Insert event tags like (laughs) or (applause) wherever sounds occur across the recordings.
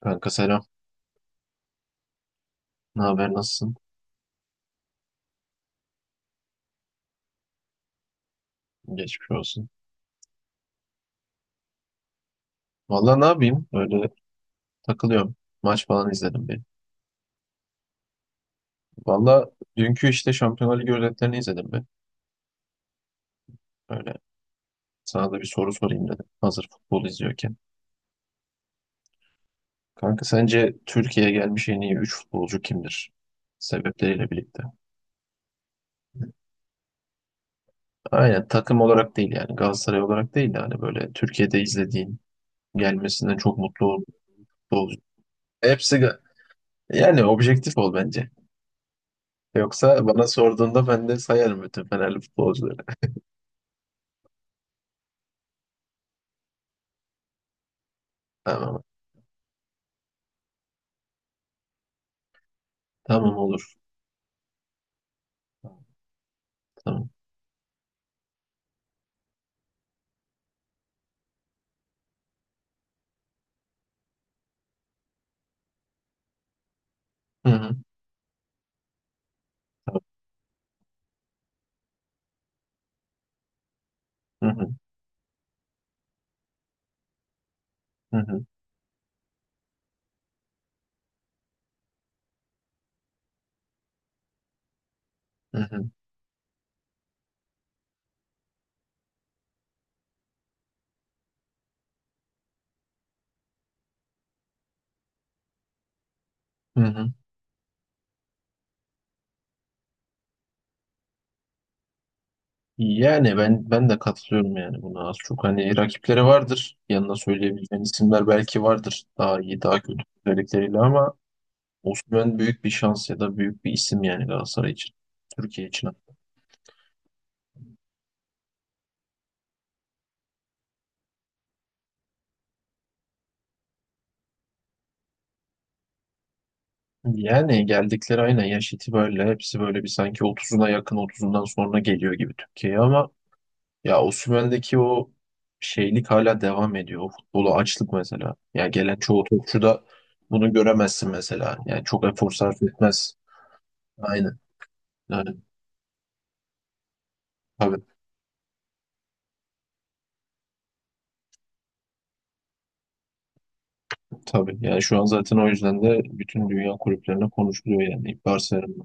Kanka selam. Ne haber nasılsın? Geçmiş olsun. Valla ne yapayım? Öyle takılıyorum. Maç falan izledim bir. Valla dünkü işte Şampiyonlar Ligi özetlerini izledim bir. Öyle sana da bir soru sorayım dedim. Hazır futbol izliyorken. Kanka sence Türkiye'ye gelmiş en iyi 3 futbolcu kimdir? Sebepleriyle birlikte. Aynen takım olarak değil yani. Galatasaray olarak değil de hani böyle Türkiye'de izlediğin gelmesinden çok mutlu olduğun futbolcu. Hepsi ga- Yani objektif ol bence. Yoksa bana sorduğunda ben de sayarım bütün Fenerli futbolcuları. Tamam. Tamam olur. Tamam. Hı hı. Tamam. Hı hı. Hı hı. Hı hı. Hı hı. Yani ben de katılıyorum yani buna az çok hani rakipleri vardır. Yanına söyleyebileceğin isimler belki vardır. Daha iyi, daha kötü özellikleriyle ama. Osimhen büyük bir şans ya da büyük bir isim yani Galatasaray için. Türkiye için. Yani geldikleri aynen yaş itibariyle hepsi böyle bir sanki otuzuna yakın otuzundan sonra geliyor gibi Türkiye'ye ama. Ya Osimhen'deki o şeylik hala devam ediyor. O futbolu açlık mesela. Ya gelen çoğu topçuda bunu göremezsin mesela. Yani çok efor sarf etmez. Aynen. Yani tabii tabii. Yani şu an zaten o yüzden de bütün dünya kulüplerine konuşuluyor yani Barcelona.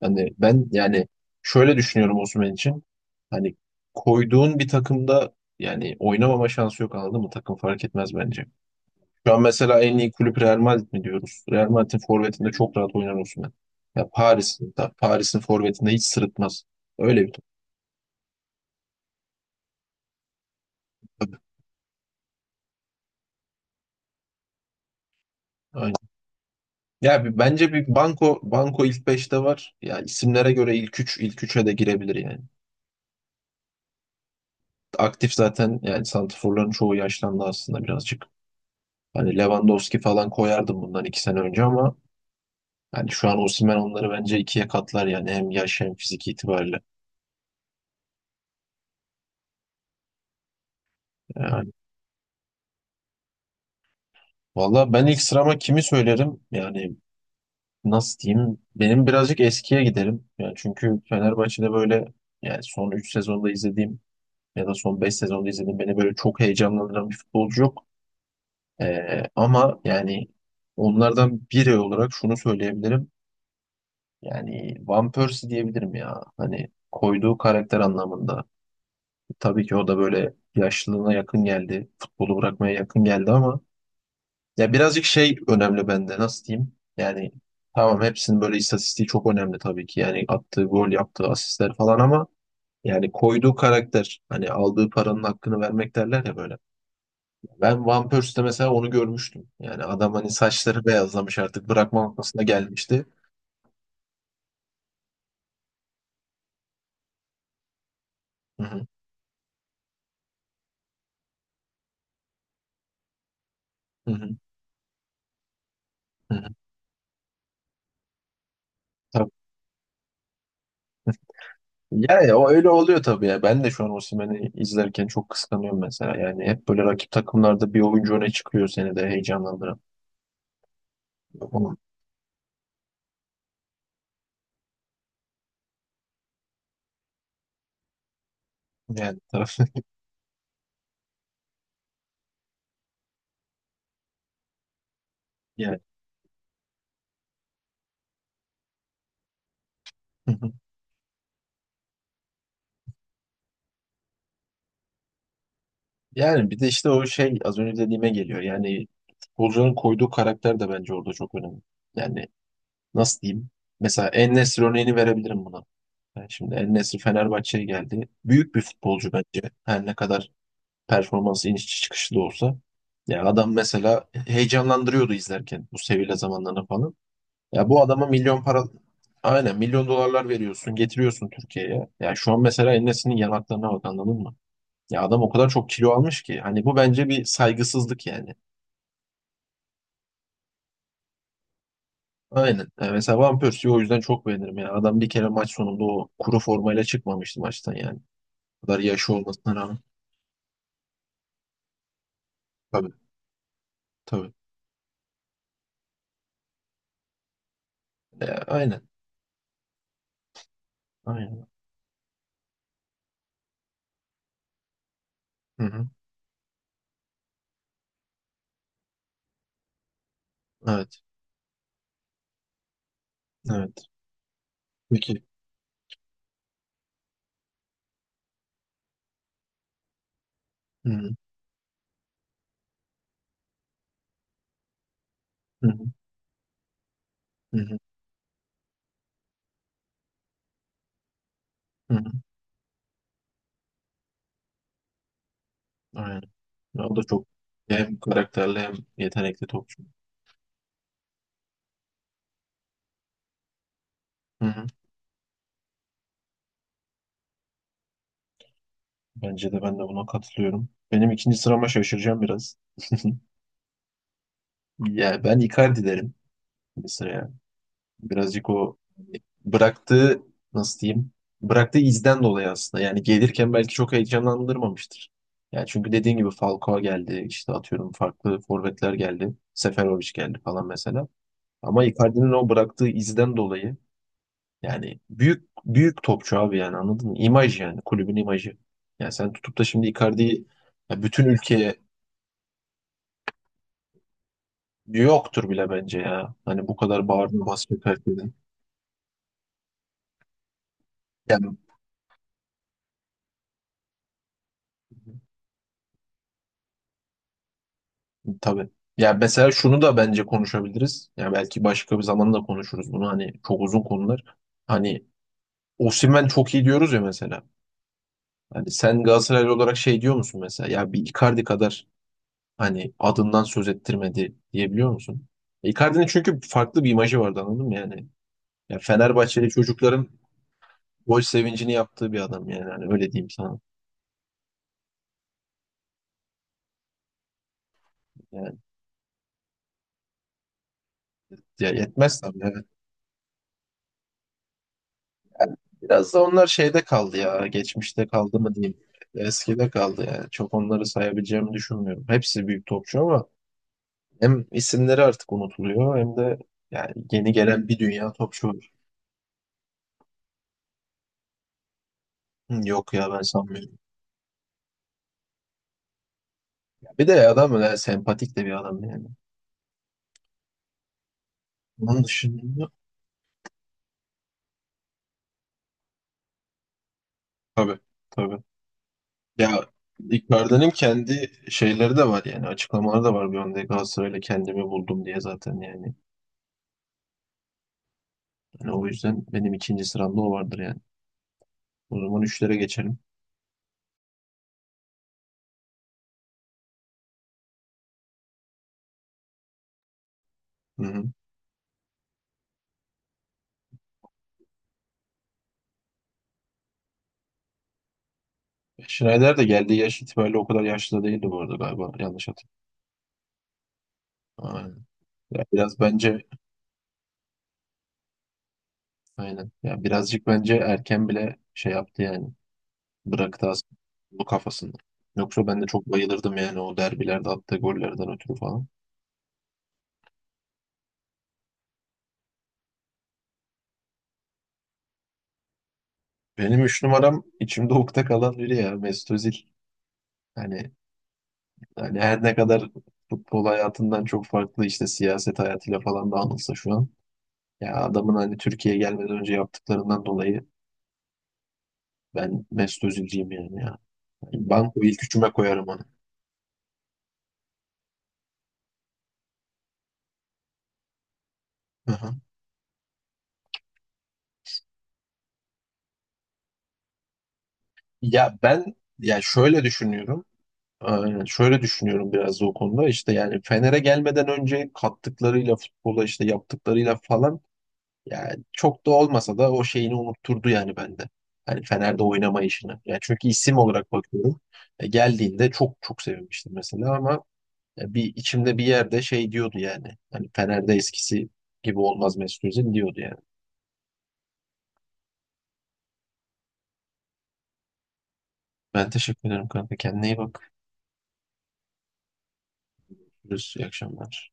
Hani ben yani şöyle düşünüyorum Osimhen için. Hani koyduğun bir takımda yani oynamama şansı yok, anladın mı? Takım fark etmez bence. Şu an mesela en iyi kulüp Real Madrid mi diyoruz? Real Madrid'in forvetinde çok rahat oynar Osimhen. Ya Paris'in forvetinde hiç sırıtmaz. Öyle bir top. Tabii. Aynen. Ya bence bir Banko Banko ilk beşte var. Ya isimlere göre ilk 3, ilk 3'e de girebilir yani. Aktif zaten yani santraforların çoğu yaşlandı aslında birazcık. Hani Lewandowski falan koyardım bundan 2 sene önce ama yani şu an Osimhen onları bence ikiye katlar yani hem yaş hem fizik itibariyle. Yani. Valla ben ilk sırama kimi söylerim? Yani nasıl diyeyim benim birazcık eskiye giderim. Yani çünkü Fenerbahçe'de böyle yani son 3 sezonda izlediğim ya da son 5 sezonda izlediğim beni böyle çok heyecanlandıran bir futbolcu yok. Ama yani onlardan biri olarak şunu söyleyebilirim. Yani Van Persie diyebilirim ya. Hani koyduğu karakter anlamında. Tabii ki o da böyle yaşlılığına yakın geldi. Futbolu bırakmaya yakın geldi ama. Ya birazcık şey önemli bende, nasıl diyeyim? Yani tamam hepsinin böyle istatistiği çok önemli tabii ki. Yani attığı gol, yaptığı asistler falan ama yani koyduğu karakter hani aldığı paranın hakkını vermek derler ya böyle. Ben Van Persie'de mesela onu görmüştüm. Yani adam hani saçları beyazlamış artık bırakma noktasına gelmişti. Hı hı, hı hı, hı hı. Tabii. Ya, o öyle oluyor tabii ya. Ben de şu an Osimhen'i izlerken çok kıskanıyorum mesela. Yani hep böyle rakip takımlarda bir oyuncu öne çıkıyor seni de heyecanlandıran. Onun yani taraf (laughs) yani. (laughs) Yani bir de işte o şey az önce dediğime geliyor. Yani futbolcunun koyduğu karakter de bence orada çok önemli. Yani nasıl diyeyim? Mesela En-Nesyri örneğini verebilirim buna. Yani şimdi En-Nesyri Fenerbahçe'ye geldi. Büyük bir futbolcu bence. Her ne kadar performansı iniş çıkışlı da olsa. Ya adam mesela heyecanlandırıyordu izlerken bu Sevilla zamanlarında falan. Ya bu adama milyon para aynen milyon dolarlar veriyorsun, getiriyorsun Türkiye'ye. Ya şu an mesela En-Nesyri'nin yanaklarına bak, anladın mı? Ya adam o kadar çok kilo almış ki. Hani bu bence bir saygısızlık yani. Aynen. Yani mesela Van Persie'yi o yüzden çok beğenirim ya. Adam bir kere maç sonunda o kuru formayla çıkmamıştı maçtan yani. O kadar yaşı olmasına rağmen. Tabii tabii. Aynen. Aynen. Hı hı. Evet. Evet. Peki. Hı hı. Hı hı. Hı hı. Hı hı. Aynen. Ya o da çok hem karakterli hem yetenekli topçu. Hı hı. Bence de ben de buna katılıyorum. Benim ikinci sırama şaşıracağım biraz. Ya ben Icardi derim bir sıraya. Birazcık o bıraktığı, nasıl diyeyim, bıraktığı izden dolayı aslında yani gelirken belki çok heyecanlandırmamıştır. Yani çünkü dediğin gibi Falcao geldi işte atıyorum farklı forvetler geldi. Seferovic geldi falan mesela. Ama Icardi'nin o bıraktığı izden dolayı yani büyük büyük topçu abi yani, anladın mı? İmaj yani kulübün imajı. Yani sen tutup da şimdi Icardi'yi ya bütün ülkeye yoktur bile bence ya. Hani bu kadar bağırdın basket herkesin. Yani tabii. Ya mesela şunu da bence konuşabiliriz. Ya belki başka bir zaman da konuşuruz bunu. Hani çok uzun konular. Hani Osimhen çok iyi diyoruz ya mesela. Hani sen Galatasaraylı olarak şey diyor musun mesela? Ya bir Icardi kadar hani adından söz ettirmedi diyebiliyor musun? Icardi'nin çünkü farklı bir imajı vardı, anladın mı yani? Ya Fenerbahçeli çocukların gol sevincini yaptığı bir adam yani. Hani öyle diyeyim sana. Yani ya yetmez tabii. Biraz da onlar şeyde kaldı ya. Geçmişte kaldı mı diyeyim. Eskide kaldı yani. Çok onları sayabileceğimi düşünmüyorum. Hepsi büyük topçu ama hem isimleri artık unutuluyor hem de yani yeni gelen bir dünya topçu var. Hı, yok ya ben sanmıyorum. Bir de adam öyle sempatik de bir adam yani. Onun dışında tabii tabii. Ya Icardi'nin kendi şeyleri de var yani, açıklamaları da var, bir anda Galatasaray'la kendimi buldum diye zaten yani. Yani o yüzden benim ikinci sıramda o vardır yani. O zaman üçlere geçelim. Hı hı. Schneider de geldiği yaş itibariyle o kadar yaşlı da değildi bu arada galiba. Yanlış hatırlamıyorum. Aynen. Ya biraz bence aynen. Ya birazcık bence erken bile şey yaptı yani. Bıraktı aslında bu kafasında. Yoksa ben de çok bayılırdım yani o derbilerde attığı gollerden ötürü falan. Benim üç numaram içimde ukde kalan biri, ya Mesut Özil. Hani, hani her ne kadar futbol hayatından çok farklı işte siyaset hayatıyla falan da anılsa şu an. Ya adamın hani Türkiye'ye gelmeden önce yaptıklarından dolayı ben Mesut Özil'ciyim yani. Banko ilk üçüme koyarım onu. Aha. Ya ben ya şöyle düşünüyorum. Şöyle düşünüyorum biraz da o konuda. İşte yani Fener'e gelmeden önce kattıklarıyla futbola işte yaptıklarıyla falan yani çok da olmasa da o şeyini unutturdu yani bende. Hani Fener'de oynama işini. Yani çünkü isim olarak bakıyorum. Geldiğinde çok çok sevinmiştim mesela ama bir içimde bir yerde şey diyordu yani. Hani Fener'de eskisi gibi olmaz Mesut Özil diyordu yani. Ben teşekkür ederim kanka. Kendine iyi bak. Görüşürüz. İyi akşamlar.